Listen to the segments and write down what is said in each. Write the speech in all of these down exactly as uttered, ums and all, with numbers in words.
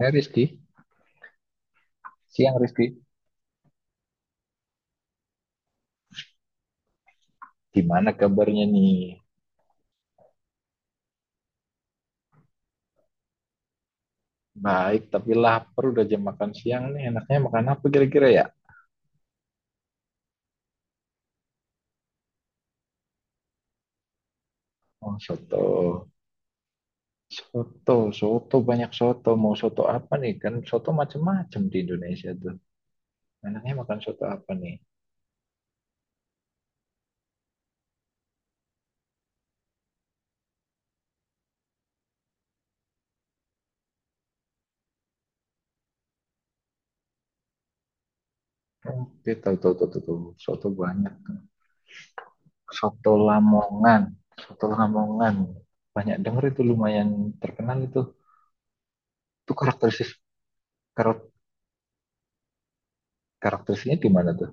Eh, Rizky, siang Rizky. Gimana kabarnya nih? Baik, tapi lapar udah jam makan siang nih. Enaknya makan apa kira-kira ya? Oh, soto. Soto, soto, banyak soto. Mau soto apa nih? Kan soto macem-macem di Indonesia tuh. Enaknya makan soto apa nih? Oke, tahu, tahu, tahu, tahu, tahu. Soto banyak. Soto Lamongan. Soto Lamongan. Banyak denger itu, lumayan terkenal itu. Itu karakteristik karak- karakteristiknya gimana tuh?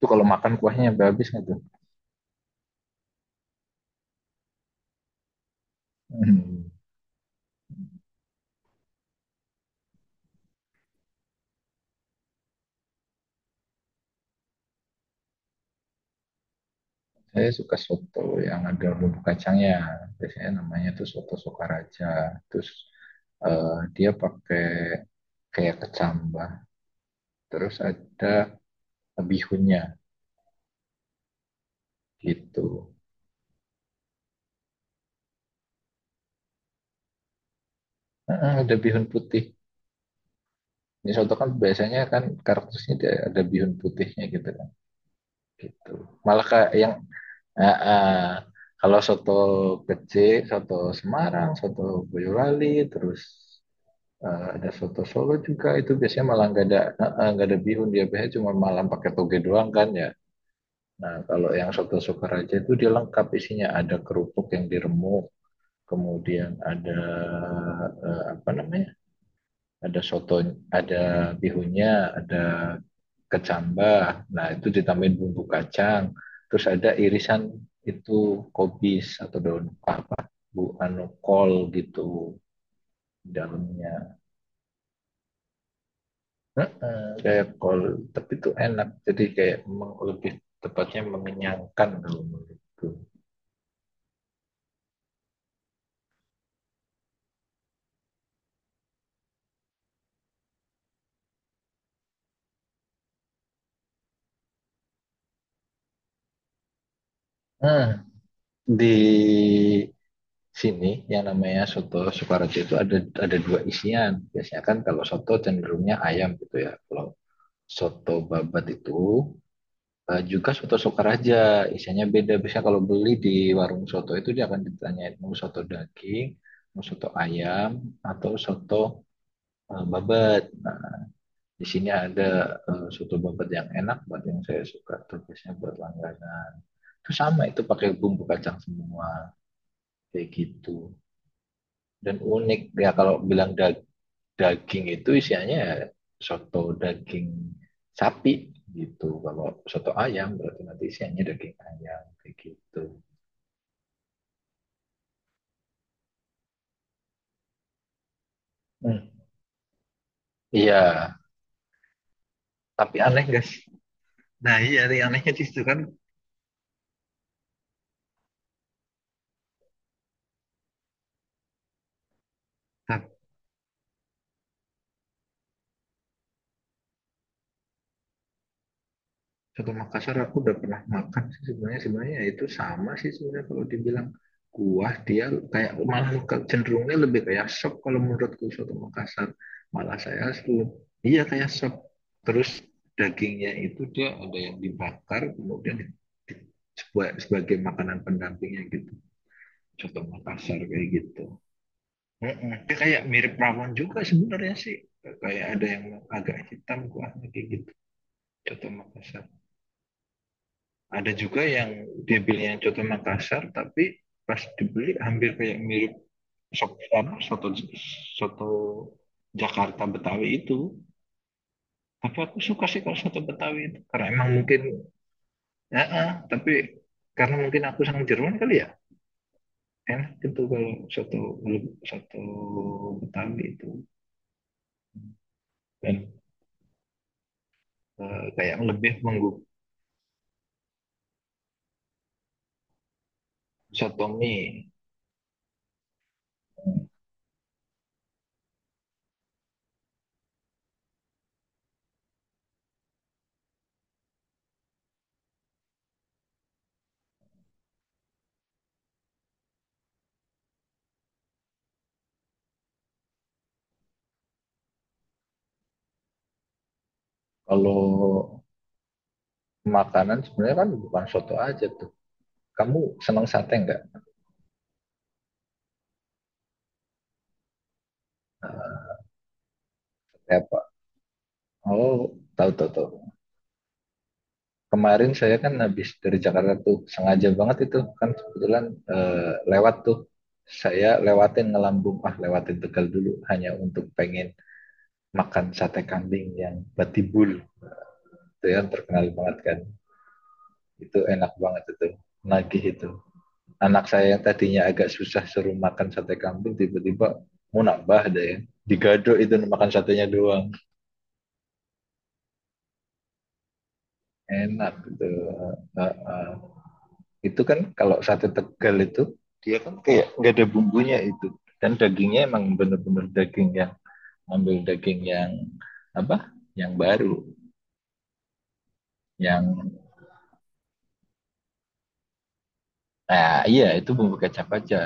Itu kalau makan kuahnya sampai habis nggak tuh? Hmm. Saya suka soto yang ada bumbu kacangnya. Biasanya namanya tuh soto Sokaraja. Terus, eh, dia pakai kayak kecambah. Terus ada bihunnya gitu. Heeh, ada bihun putih. Ini soto kan biasanya kan karakternya dia ada bihun putihnya gitu kan. Gitu. Malah kayak yang eh, eh, kalau soto kecil, soto Semarang, soto Boyolali, terus Eh, ada soto Solo juga. Itu biasanya malah nggak ada eh, eh, nggak ada bihun, dia biasanya cuma malam pakai toge doang kan ya. Nah, kalau yang soto Sukaraja itu dia lengkap isinya, ada kerupuk yang diremuk, kemudian ada, eh, apa namanya, ada soto, ada bihunnya, ada kecambah. Nah, itu ditambahin bumbu kacang, terus ada irisan itu, kobis atau daun apa, bu anu, kol gitu di dalamnya. Heeh, kayak kol, tapi itu enak. Jadi kayak memang lebih tepatnya mengenyangkan kalau menurutku. Nah, di sini yang namanya soto Sukaraja itu ada ada dua isian. Biasanya kan kalau soto cenderungnya ayam gitu ya. Kalau soto babat itu, eh, juga soto Sukaraja, isinya beda. Biasanya kalau beli di warung soto itu dia akan ditanyain, mau soto daging, mau soto ayam, atau soto, eh, babat. Nah, di sini ada, eh, soto babat yang enak buat yang saya suka, terusnya buat langganan itu sama, itu pakai bumbu kacang semua kayak gitu. Dan unik ya kalau bilang dag- daging itu isiannya ya soto daging sapi gitu. Kalau soto ayam berarti nanti isiannya daging ayam kayak gitu. Hmm. Iya. Hmm. Tapi aneh guys. Nah, iya, yang anehnya di situ kan. Tapi soto Makassar aku udah pernah makan sih sebenarnya sebenarnya ya, itu sama sih sebenarnya kalau dibilang kuah, dia kayak malah ke- cenderungnya lebih kayak sop kalau menurutku. Soto Makassar malah saya selalu, iya, kayak sop. Terus dagingnya itu, dia ada yang dibakar kemudian di- di- sebagai, sebagai makanan pendampingnya gitu, soto Makassar kayak gitu. Mm-mm. Dia kayak mirip rawon juga sebenarnya sih, kayak ada yang agak hitam kuahnya kayak gitu, soto Makassar. Ada juga yang dia beli yang contoh Makassar, tapi pas dibeli hampir kayak mirip sop, apa, soto soto Jakarta Betawi itu. Tapi aku suka sih kalau soto Betawi itu, karena emang mungkin, ya ah, tapi karena mungkin aku sang Jerman kali ya, enak gitu kalau soto soto Betawi itu, dan, eh, kayak lebih menggu, soto mie. Kalau makanan sebenarnya kan bukan soto aja tuh, kamu senang sate nggak? Eh, apa? Oh, tahu, tahu, tahu. Kemarin saya kan habis dari Jakarta tuh, sengaja banget itu kan, kebetulan, eh, lewat tuh. Saya lewatin, ngelambung ah lewatin Tegal dulu hanya untuk pengen makan sate kambing yang Batibul itu, yang terkenal banget kan. Itu enak banget itu. Nagih itu. Anak saya yang tadinya agak susah suruh makan sate kambing tiba-tiba mau nambah deh. Digado itu, makan satenya doang. Enak gitu. Heeh. Itu kan kalau sate Tegal itu, dia kan kayak nggak ada bumbunya itu, dan dagingnya emang benar-benar daging yang, ambil daging yang, apa, yang baru, yang, nah iya, itu bumbu kecap aja.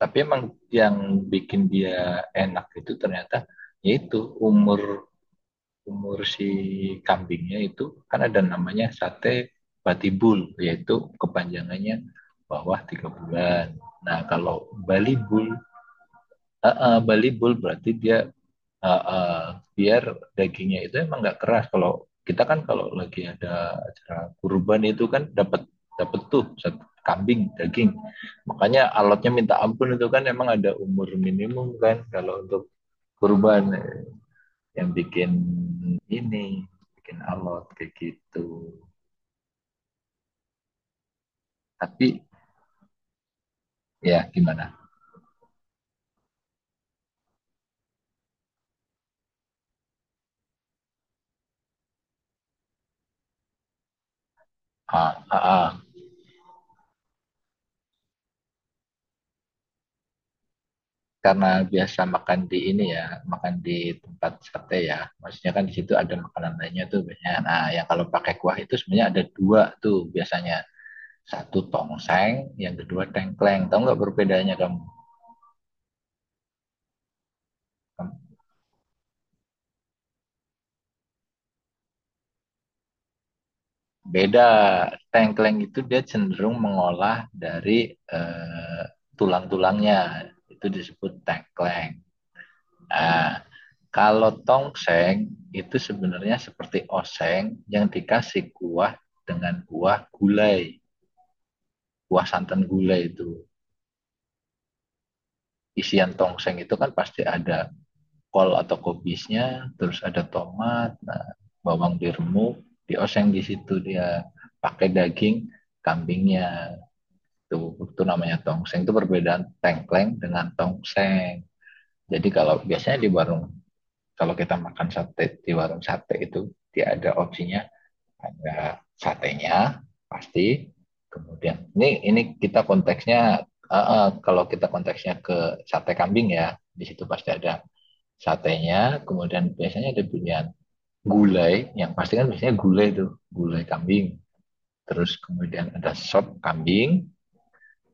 Tapi emang yang bikin dia enak itu ternyata yaitu umur umur si kambingnya itu. Kan ada namanya sate batibul, yaitu kepanjangannya bawah tiga bulan. Nah kalau balibul, uh, uh, balibul berarti dia, Ah, ah, biar dagingnya itu emang nggak keras. Kalau kita kan kalau lagi ada acara kurban itu kan dapat dapat tuh satu kambing daging. Makanya alatnya minta ampun itu, kan emang ada umur minimum kan kalau untuk kurban, eh, yang bikin ini bikin alot kayak gitu. Tapi ya gimana? Ah, ah, ah. Karena biasa makan di ini ya, makan di tempat sate ya. Maksudnya kan di situ ada makanan lainnya tuh biasanya. Nah, yang kalau pakai kuah itu sebenarnya ada dua tuh biasanya. Satu tongseng, yang kedua tengkleng. Tahu nggak perbedaannya kamu? Beda. Tengkleng itu dia cenderung mengolah dari, eh, tulang-tulangnya. Itu disebut tengkleng. Nah, kalau tongseng itu sebenarnya seperti oseng yang dikasih kuah, dengan kuah gulai, kuah santan gulai itu. Isian tongseng itu kan pasti ada kol atau kobisnya, terus ada tomat, nah, bawang diremuk, dioseng di situ, dia pakai daging kambingnya. Itu, itu namanya tongseng. Itu perbedaan tengkleng dengan tongseng. Jadi kalau biasanya di warung, kalau kita makan sate di warung sate itu, dia ada opsinya, ada satenya pasti. Kemudian ini ini kita konteksnya, eh, eh, kalau kita konteksnya ke sate kambing ya, di situ pasti ada satenya. Kemudian biasanya ada pilihan, gulai yang pasti, kan biasanya gulai tuh gulai kambing, terus kemudian ada sop kambing,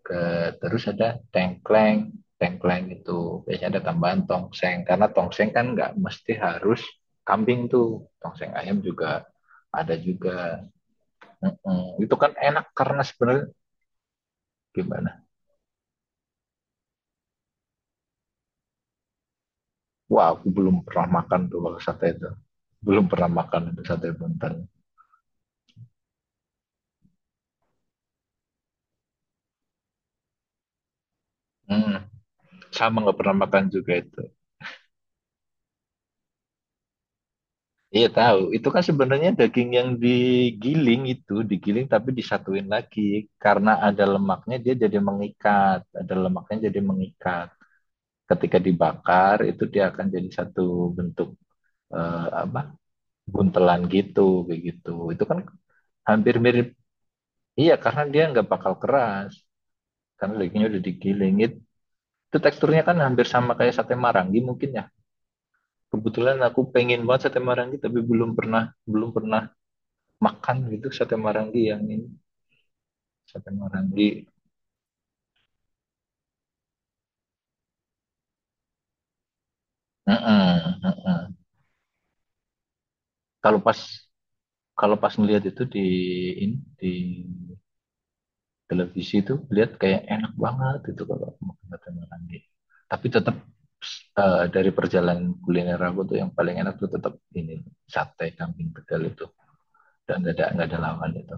ke terus ada tengkleng. Tengkleng itu biasanya ada tambahan tongseng, karena tongseng kan nggak mesti harus kambing tuh, tongseng ayam juga ada juga. Mm-mm. Itu kan enak karena sebenarnya, gimana? Wah, aku belum pernah makan tuh kalau sate itu. Belum pernah makan itu sate Mentang. Hmm, sama nggak pernah makan juga itu. Iya, tahu, itu kan sebenarnya daging yang digiling itu, digiling tapi disatuin lagi. Karena ada lemaknya dia jadi mengikat, ada lemaknya jadi mengikat. Ketika dibakar itu dia akan jadi satu bentuk, eh, apa, buntelan gitu, begitu. Itu kan hampir mirip. Iya, karena dia nggak bakal keras. Karena dagingnya udah digiling. Itu teksturnya kan hampir sama kayak sate marangi mungkin ya. Kebetulan aku pengen banget sate marangi, tapi belum pernah belum pernah makan gitu sate marangi yang ini, sate marangi. Heeh, heeh. Kalau pas kalau pas ngelihat itu di ini, di televisi itu, lihat kayak enak banget itu kalau aku makan sate marangi. Tapi tetap, eh, dari perjalanan kuliner aku tuh yang paling enak tuh tetap ini, sate kambing Tegal itu. Dan nggak ada nggak ada lawan itu.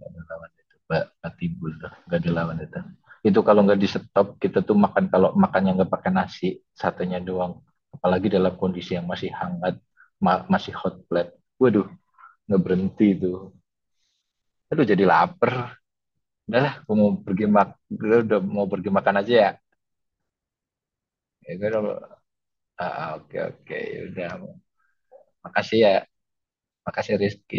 Nggak ada lawan itu, nggak patibul, nggak ada lawan itu. Itu kalau nggak di stop, kita tuh makan, kalau makannya nggak pakai nasi, satenya doang, apalagi dalam kondisi yang masih hangat, ma- masih hot plate, waduh, nggak berhenti itu. Aduh, jadi lapar. Udahlah, gue mau pergi mak udah, mau pergi makan aja ya. Ya, gue udah. Ah, oke, oke, ya udah. Makasih ya, makasih Rizky.